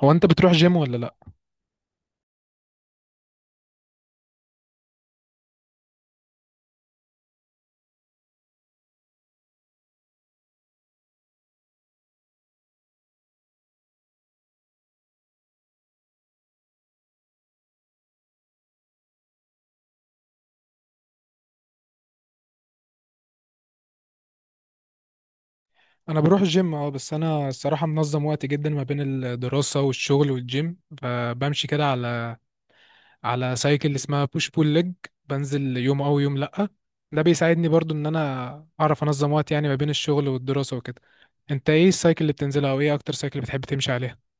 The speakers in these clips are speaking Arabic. هو انت بتروح جيم ولا لا؟ انا بروح الجيم، اه. بس انا الصراحه منظم وقتي جدا ما بين الدراسه والشغل والجيم، فبمشي كده على سايكل اسمها بوش بول ليج. بنزل يوم او يوم لا. ده بيساعدني برضو ان انا اعرف انظم وقت، يعني ما بين الشغل والدراسة وكده. انت ايه السايكل اللي بتنزلها او ايه اكتر سايكل بتحب تمشي عليها؟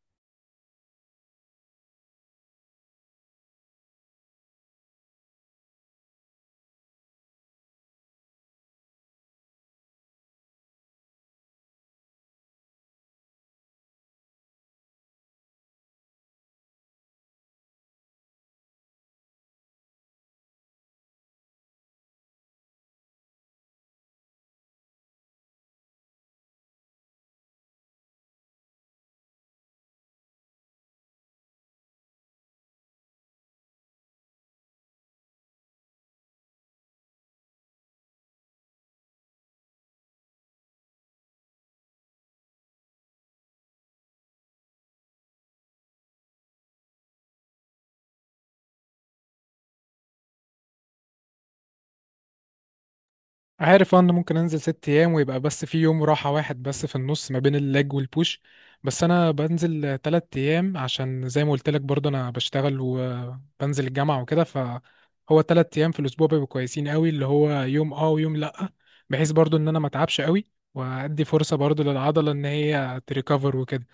عارف ان ممكن انزل ست ايام ويبقى بس في يوم راحة واحد بس في النص ما بين اللاج والبوش. بس انا بنزل تلات ايام عشان زي ما قلت لك برضه انا بشتغل وبنزل الجامعة وكده، فهو تلات ايام في الاسبوع بيبقوا كويسين قوي، اللي هو يوم اه ويوم لا، بحيث برضه ان انا ما اتعبش قوي، وادي فرصة برضه للعضلة ان هي تريكفر وكده.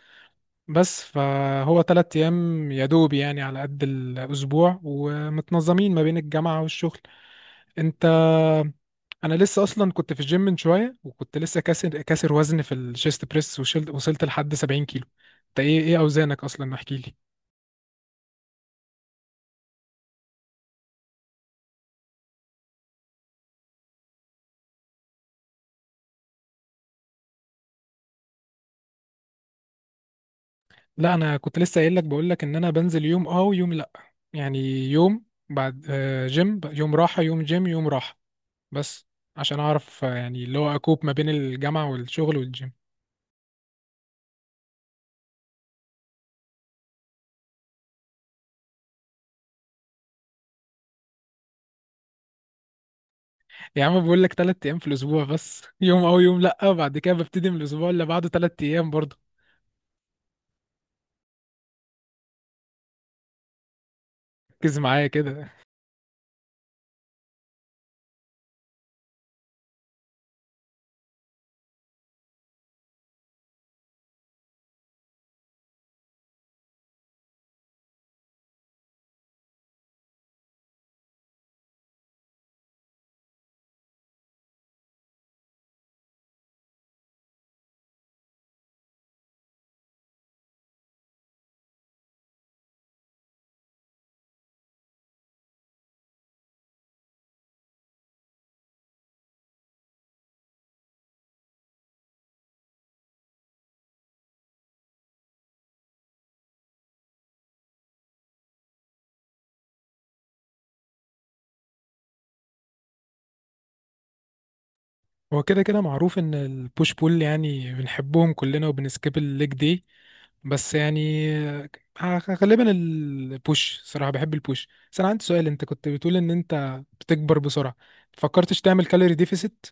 بس فهو تلات ايام يا دوب يعني على قد الاسبوع ومتنظمين ما بين الجامعة والشغل. انت، انا لسه اصلا كنت في الجيم من شويه وكنت لسه كاسر وزن في الشيست بريس وشلت، وصلت لحد 70 كيلو. انت ايه ايه اوزانك اصلا، احكي لي. لا، انا كنت لسه قايل لك، بقول لك ان انا بنزل يوم اه ويوم لا، يعني يوم بعد آه، جيم يوم راحه يوم جيم يوم راحه، بس عشان اعرف، يعني اللي هو اكوب ما بين الجامعه والشغل والجيم. يا عم بقول لك ثلاث ايام في الاسبوع بس، يوم اه ويوم لا، بعد كده ببتدي من الاسبوع اللي بعده ثلاث ايام برضه. ركز معايا كده. هو كده كده معروف ان البوش بول يعني بنحبهم كلنا وبنسكيب الليج دي. بس يعني غالبا البوش، صراحة بحب البوش. بس انا عندي سؤال، انت كنت بتقول ان انت بتكبر بسرعة، فكرتش تعمل كالوري ديفيسيت؟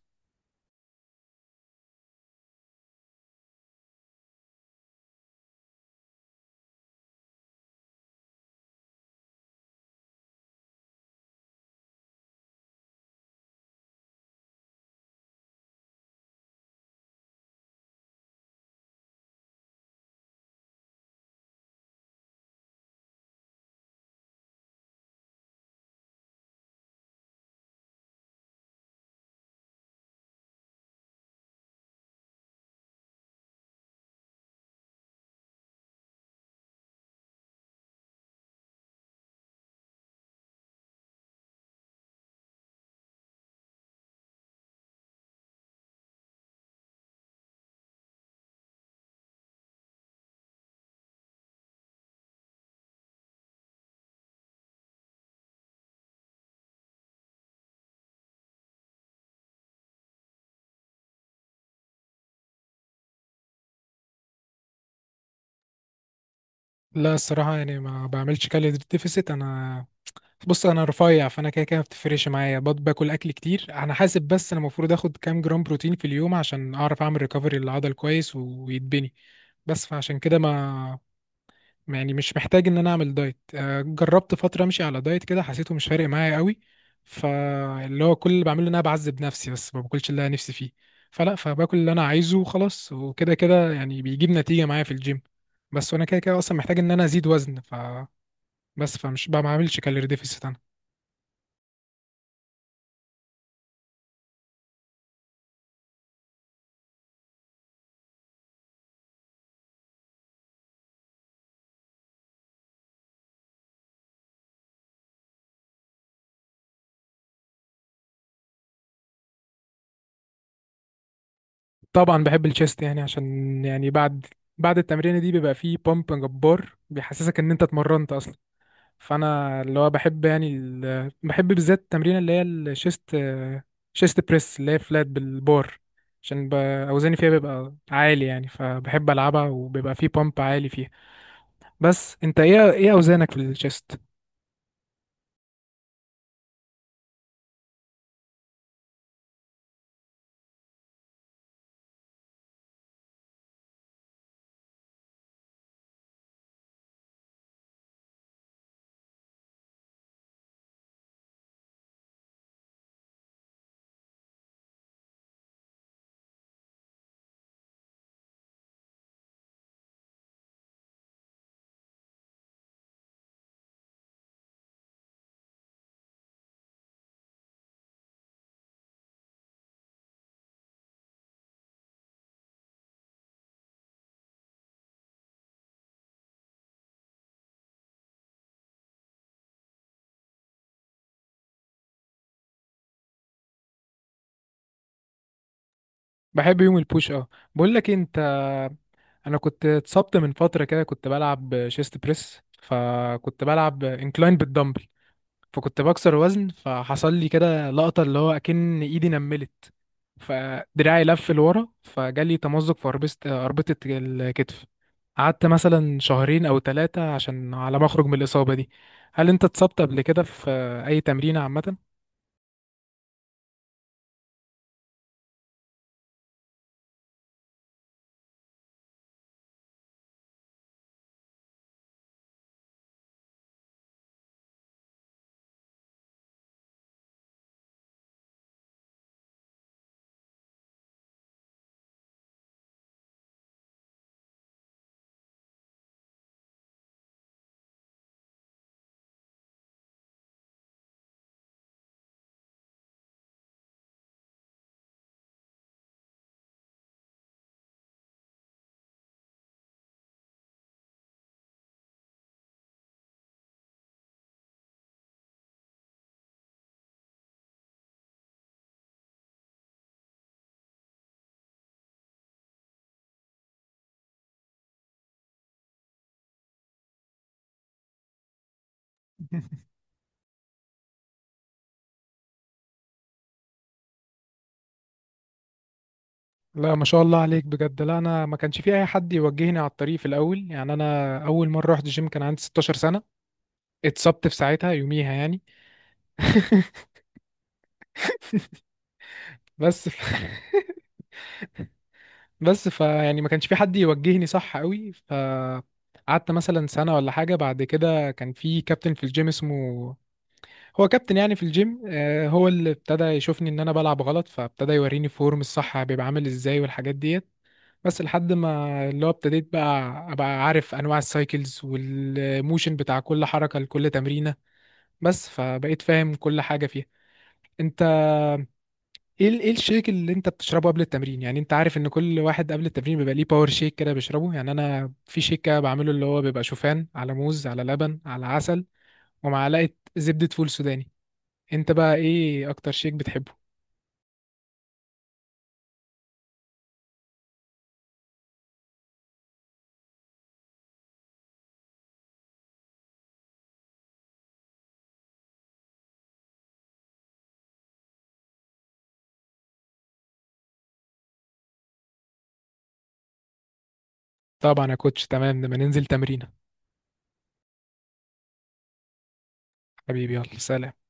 لا الصراحة يعني ما بعملش كالوري ديفيسيت انا. بص انا رفيع، فانا كده كده ما بتفرقش معايا. باكل اكل كتير، انا حاسب بس انا المفروض اخد كام جرام بروتين في اليوم عشان اعرف اعمل ريكفري للعضل كويس ويتبني. بس فعشان كده ما يعني مش محتاج ان انا اعمل دايت. جربت فتره امشي على دايت كده، حسيته مش فارق معايا قوي. فاللي هو كل اللي بعمله ان انا بعذب نفسي بس، ما باكلش اللي انا نفسي فيه. فلا، فباكل اللي انا عايزه وخلاص، وكده كده يعني بيجيب نتيجه معايا في الجيم. بس وانا كده كده اصلا محتاج ان انا ازيد وزن، ف بس فمش بقى ما بعملش كالوري ديفيسيت انا. طبعا بحب الشيست، يعني عشان يعني بعد التمرينه دي بيبقى فيه بامب جبار بيحسسك ان انت اتمرنت اصلا. فانا اللي هو بحب يعني بحب بالذات التمرين اللي هي الشيست، شيست بريس اللي هي فلات بالبار، عشان اوزاني فيها بيبقى عالي، يعني فبحب العبها وبيبقى فيه بامب عالي فيها. بس انت ايه ايه اوزانك في الشيست؟ بحب يوم البوش اه. بقول لك إيه، انت، انا كنت اتصبت من فتره كده، كنت بلعب شيست بريس، فكنت بلعب انكلاين بالدمبل، فكنت بكسر وزن فحصل لي كده لقطة اللي هو أكن إيدي نملت فدراعي لف لورا، فجالي تمزق في أربطة، أربطة الكتف. قعدت مثلا شهرين أو ثلاثة عشان على ما أخرج من الإصابة دي. هل أنت اتصبت قبل كده في أي تمرينة عامة؟ لا ما شاء الله عليك بجد. لا انا ما كانش في اي حد يوجهني على الطريق في الاول، يعني انا اول مره رحت جيم كان عندي 16 سنه، اتصبت في ساعتها يوميها يعني. بس ف... بس فيعني ما كانش في حد يوجهني صح قوي، فقعدت مثلا سنة ولا حاجة، بعد كده كان في كابتن في الجيم اسمه، هو كابتن يعني في الجيم، هو اللي ابتدى يشوفني ان انا بلعب غلط، فابتدى يوريني فورم الصح بيبقى عامل ازاي والحاجات ديت. بس لحد ما اللي هو ابتديت بقى ابقى عارف انواع السايكلز والموشن بتاع كل حركة لكل تمرينة. بس فبقيت فاهم كل حاجة فيها. انت ايه الشيك اللي انت بتشربه قبل التمرين؟ يعني انت عارف ان كل واحد قبل التمرين بيبقى ليه باور شيك كده بيشربه. يعني انا في شيك كده بعمله اللي هو بيبقى شوفان على موز على لبن على عسل ومعلقه زبده فول سوداني. انت بقى ايه اكتر شيك بتحبه؟ طبعا يا كوتش، تمام، لما ننزل تمرينه. حبيبي يلا سلام.